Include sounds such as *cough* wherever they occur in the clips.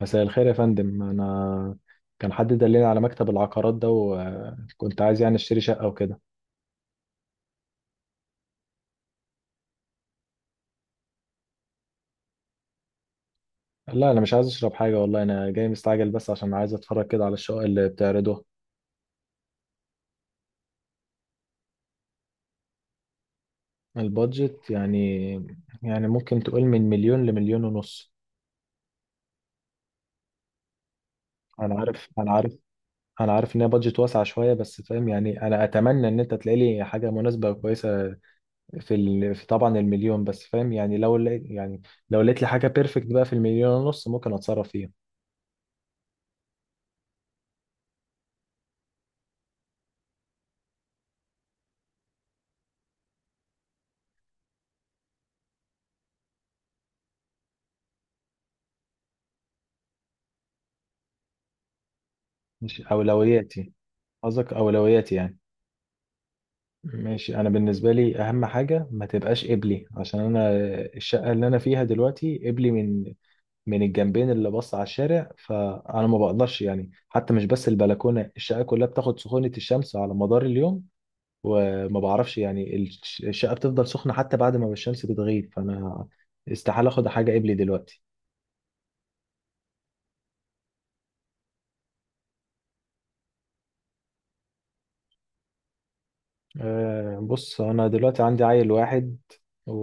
مساء الخير يا فندم. انا كان حد دلني على مكتب العقارات ده، وكنت عايز يعني اشتري شقه وكده. لا انا مش عايز اشرب حاجه والله، انا جاي مستعجل بس عشان عايز اتفرج كده على الشقق اللي بتعرضوها. البادجت يعني؟ يعني ممكن تقول من مليون لمليون ونص. انا عارف انا عارف انا عارف ان هي بادجت واسعه شويه، بس فاهم يعني، انا اتمنى ان انت تلاقي لي حاجه مناسبه وكويسه في ال... في طبعا المليون، بس فاهم يعني لو لقيت يعني لو لقيت لي حاجه بيرفكت بقى في المليون ونص ممكن اتصرف فيها. مش اولوياتي، قصدك أولوياتي يعني؟ ماشي. أنا بالنسبة لي أهم حاجة ما تبقاش قبلي، عشان أنا الشقة اللي أنا فيها دلوقتي قبلي، من الجنبين اللي بص على الشارع، فأنا ما بقدرش يعني، حتى مش بس البلكونة الشقة كلها بتاخد سخونة الشمس على مدار اليوم، وما بعرفش يعني الشقة بتفضل سخنة حتى بعد ما الشمس بتغيب، فأنا استحالة أخد حاجة قبلي دلوقتي. أه بص، أنا دلوقتي عندي عيل واحد و...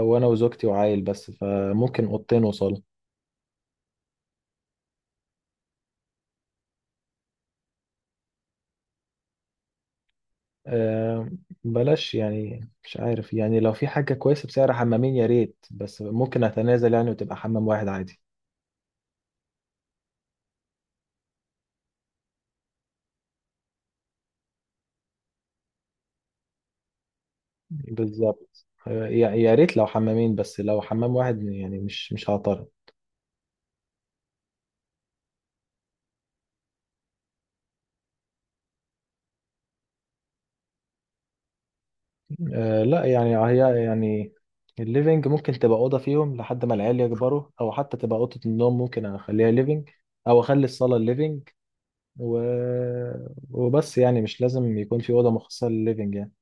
وأنا وزوجتي وعيل بس، فممكن أوضتين وصالة. آه، بلاش يعني، مش عارف يعني، لو في حاجة كويسة بسعر حمامين يا ريت، بس ممكن أتنازل يعني وتبقى حمام واحد عادي. بالظبط يا ريت لو حمامين، بس لو حمام واحد يعني مش هعترض. لا يعني هي يعني الليفينج ممكن تبقى أوضة فيهم لحد ما العيال يكبروا، أو حتى تبقى أوضة النوم ممكن أخليها ليفينج، أو أخلي الصالة ليفينج و... وبس. يعني مش لازم يكون في أوضة مخصصة للليفينج يعني.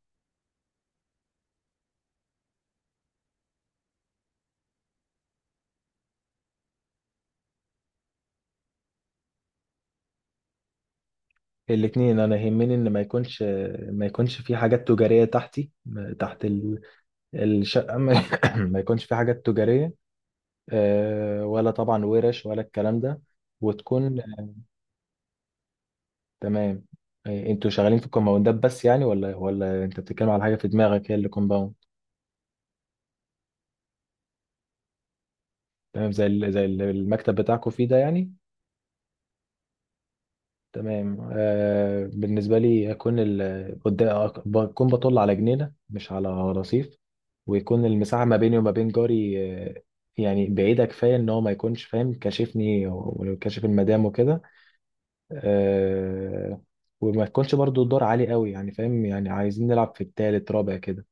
الاتنين، انا يهمني ان ما يكونش، ما يكونش في حاجات تجارية تحتي، تحت ال- الشقة *laughs* ما *coughs* ما يكونش في حاجات تجارية، ولا طبعا ورش ولا الكلام ده. وتكون تمام. انتوا شغالين في الكومباوندات بس يعني، ولا انت بتتكلم على حاجة في دماغك هي اللي كومباوند؟ تمام، زي ال- زي ال- المكتب بتاعكم فيه ده يعني. تمام. بالنسبة لي هكون ال- قدام- بكون بطل على جنينة مش على رصيف، ويكون المساحة ما بيني وما بين جاري آه، يعني بعيدة كفاية إن هو ما يكونش فاهم كاشفني وكاشف المدام وكده. آه، وما تكونش برضو الدور عالي قوي يعني، فاهم يعني عايزين نلعب في التالت رابع كده.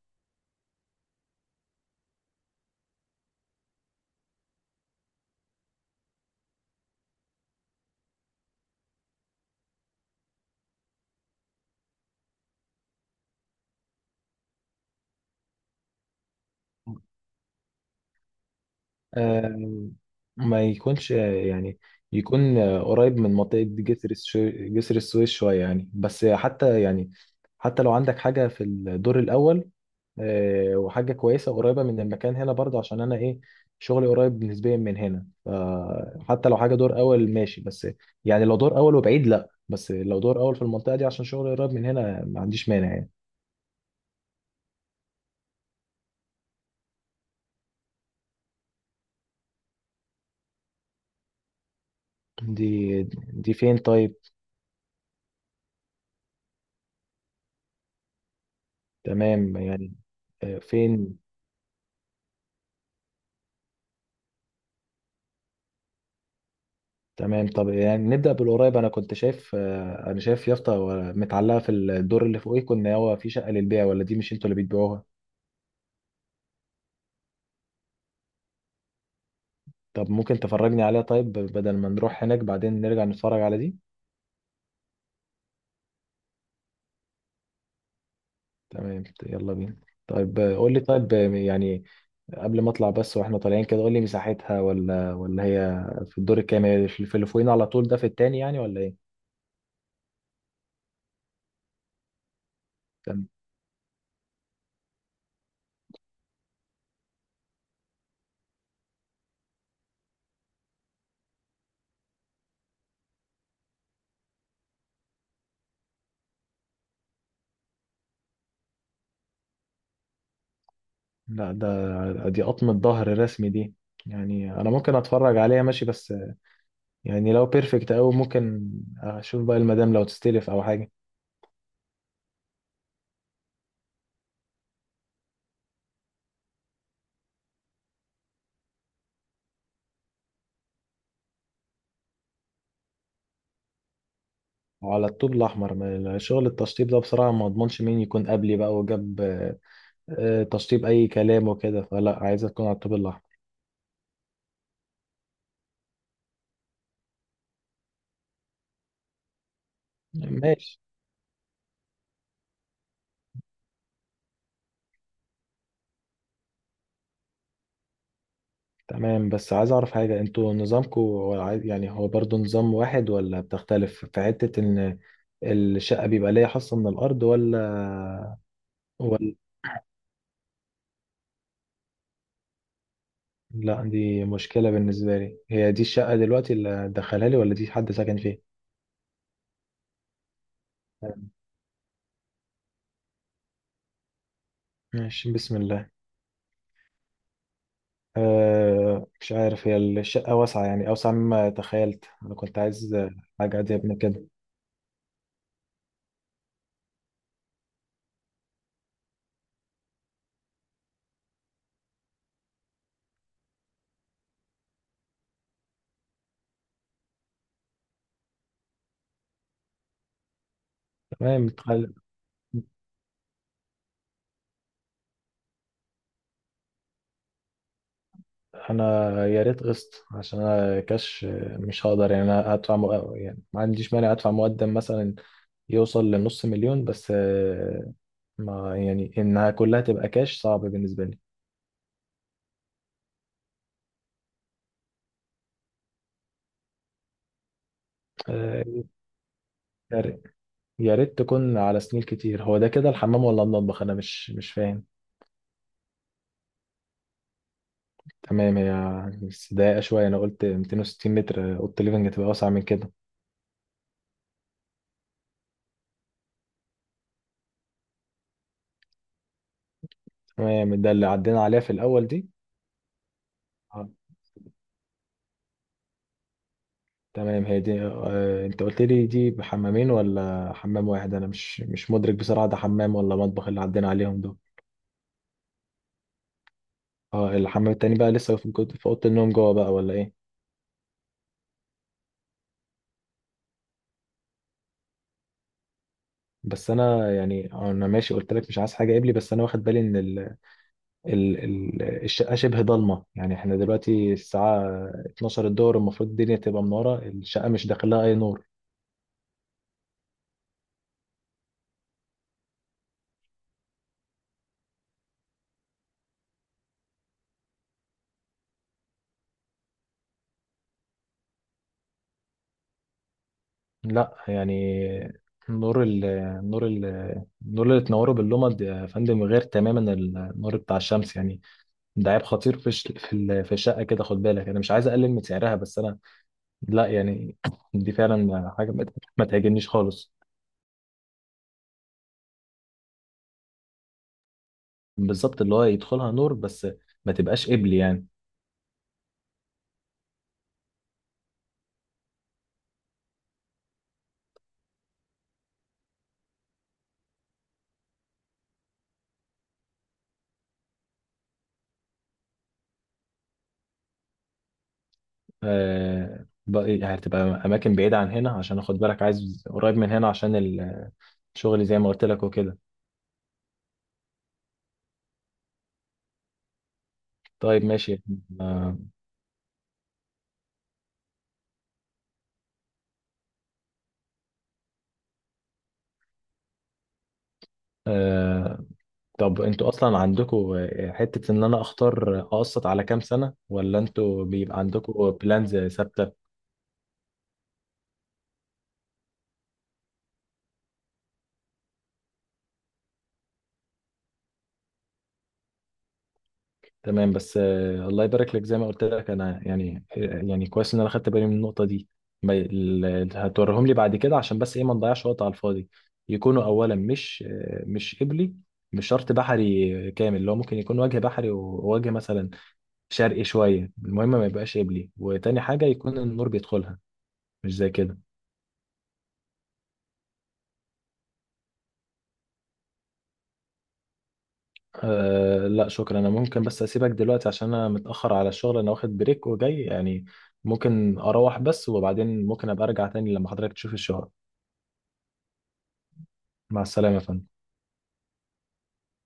آه، ما يكونش يكون قريب من منطقة جسر السويس شوية يعني، بس حتى يعني حتى لو عندك حاجة في الدور الأول وحاجة كويسة قريبة من المكان هنا برضه، عشان أنا إيه، شغلي قريب نسبيا من هنا، فحتى لو حاجة دور أول ماشي. بس يعني لو دور أول وبعيد لأ، بس لو دور أول في المنطقة دي عشان شغلي قريب من هنا ما عنديش مانع يعني. دي دي فين طيب؟ تمام يعني. فين؟ تمام. طب يعني نبدأ بالقريب. أنا كنت شايف أنا شايف يافطة و- متعلقة في الدور اللي فوقيه كنا، هو في شقة للبيع، ولا دي مش أنتوا اللي بتبيعوها؟ طب ممكن تفرجني عليها طيب، بدل ما نروح هناك بعدين نرجع نتفرج على دي. تمام يلا بينا. طيب قول لي، طيب قبل ما اطلع بس واحنا طالعين كده قول لي مساحتها، ولا ولا هي في الدور الكام؟ هي في في اللي فوقينا على طول ده في التاني يعني ولا ايه؟ تمام. لا ده دي قطمة ظهر رسمي دي. يعني انا ممكن اتفرج عليها ماشي، بس يعني لو بيرفكت قوي ممكن اشوف بقى المدام لو تستلف او حاجة. وعلى الطوب الاحمر، ما- شغل التشطيب ده بصراحة ما اضمنش مين يكون قبلي بقى وجاب تشطيب اي كلام وكده، فلا، عايزة تكون على الطوب الاحمر. ماشي. تمام بس عايز اعرف حاجة، انتوا نظامكم هو عاي- يعني هو برضو نظام واحد ولا بتختلف في حتة ان الشقة بيبقى ليا حصة من الارض ولا؟ ولا. لا دي مشكلة بالنسبة لي. هي دي الشقة دلوقتي اللي دخلها لي، ولا دي حد ساكن فيها؟ ماشي، بسم الله. أه مش عارف، هي الشقة واسعة يعني، أوسع مما تخيلت. أنا كنت عايز حاجة أضيق من كده. تمام. انا يا ريت قسط، عشان انا كاش مش هقدر. يعني انا ادفع مق... يعني ما عنديش مانع ادفع مقدم مثلا يوصل لنص مليون، بس ما يعني انها كلها تبقى كاش صعب بالنسبه لي. آه، يا ريت، يا ريت تكون على سنين كتير. هو ده كده الحمام ولا المطبخ؟ انا مش فاهم. تمام هي، بس ضايقه شويه. انا قلت 260 متر، اوضه الليفنج هتبقى اوسع من كده. تمام، ده اللي عدينا عليها في الاول دي؟ آه. تمام. هي دي انت قلت لي دي بحمامين ولا حمام واحد؟ انا مش مش مدرك بصراحة ده حمام ولا مطبخ اللي عدينا عليهم دول. اه، الحمام التاني بقى لسه في جوه- في اوضة النوم جوه بقى ولا ايه؟ بس انا يعني، انا ماشي قلت لك مش عايز حاجة قبلي، بس انا واخد بالي ان الشقة شبه ضلمة يعني. احنا دلوقتي الساعة 12 الظهر، المفروض الدنيا تبقى منارة، الشقة مش داخلها اي نور. لا يعني نور ال نور ال النور اللي تنوره باللمض يا فندم غير تماما النور بتاع الشمس يعني. ده عيب خطير في في الشقه كده. خد بالك انا مش عايز اقلل من سعرها، بس انا، لا يعني، *clears throat* دي فعلا حاجه ما تعجبنيش خالص. بالظبط، اللي هو يدخلها نور بس ما تبقاش قبل يعني. آه بقى- يعني هتبقى اماكن بعيده عن هنا؟ عشان اخد بالك عايز قريب من هنا عشان الشغل زي ما قلت لك وكده. طيب ماشي. آه. آه، طب انتوا اصلا عندكم حتة ان انا اختار اقسط على كام سنة، ولا انتوا بيبقى عندكم بلانز ثابتة؟ تمام. بس الله يبارك لك، زي ما قلت لك انا يعني كويس ان انا خدت بالي من النقطة دي. ما- ال- هتوريهم لي بعد كده، عشان بس ايه ما نضيعش وقت على الفاضي. يكونوا اولا مش مش قبلي. مش شرط بحري كامل، اللي هو ممكن يكون وجه بحري ووجه مثلا شرقي شوية، المهم ما يبقاش قبلي. وتاني حاجة يكون النور بيدخلها، مش زي كده. أه لا شكرا، انا ممكن بس اسيبك دلوقتي عشان انا متأخر على الشغل، انا واخد بريك وجاي يعني. ممكن اروح بس، وبعدين ممكن ابقى ارجع تاني لما حضرتك تشوف الشغل. مع السلامة يا فندم.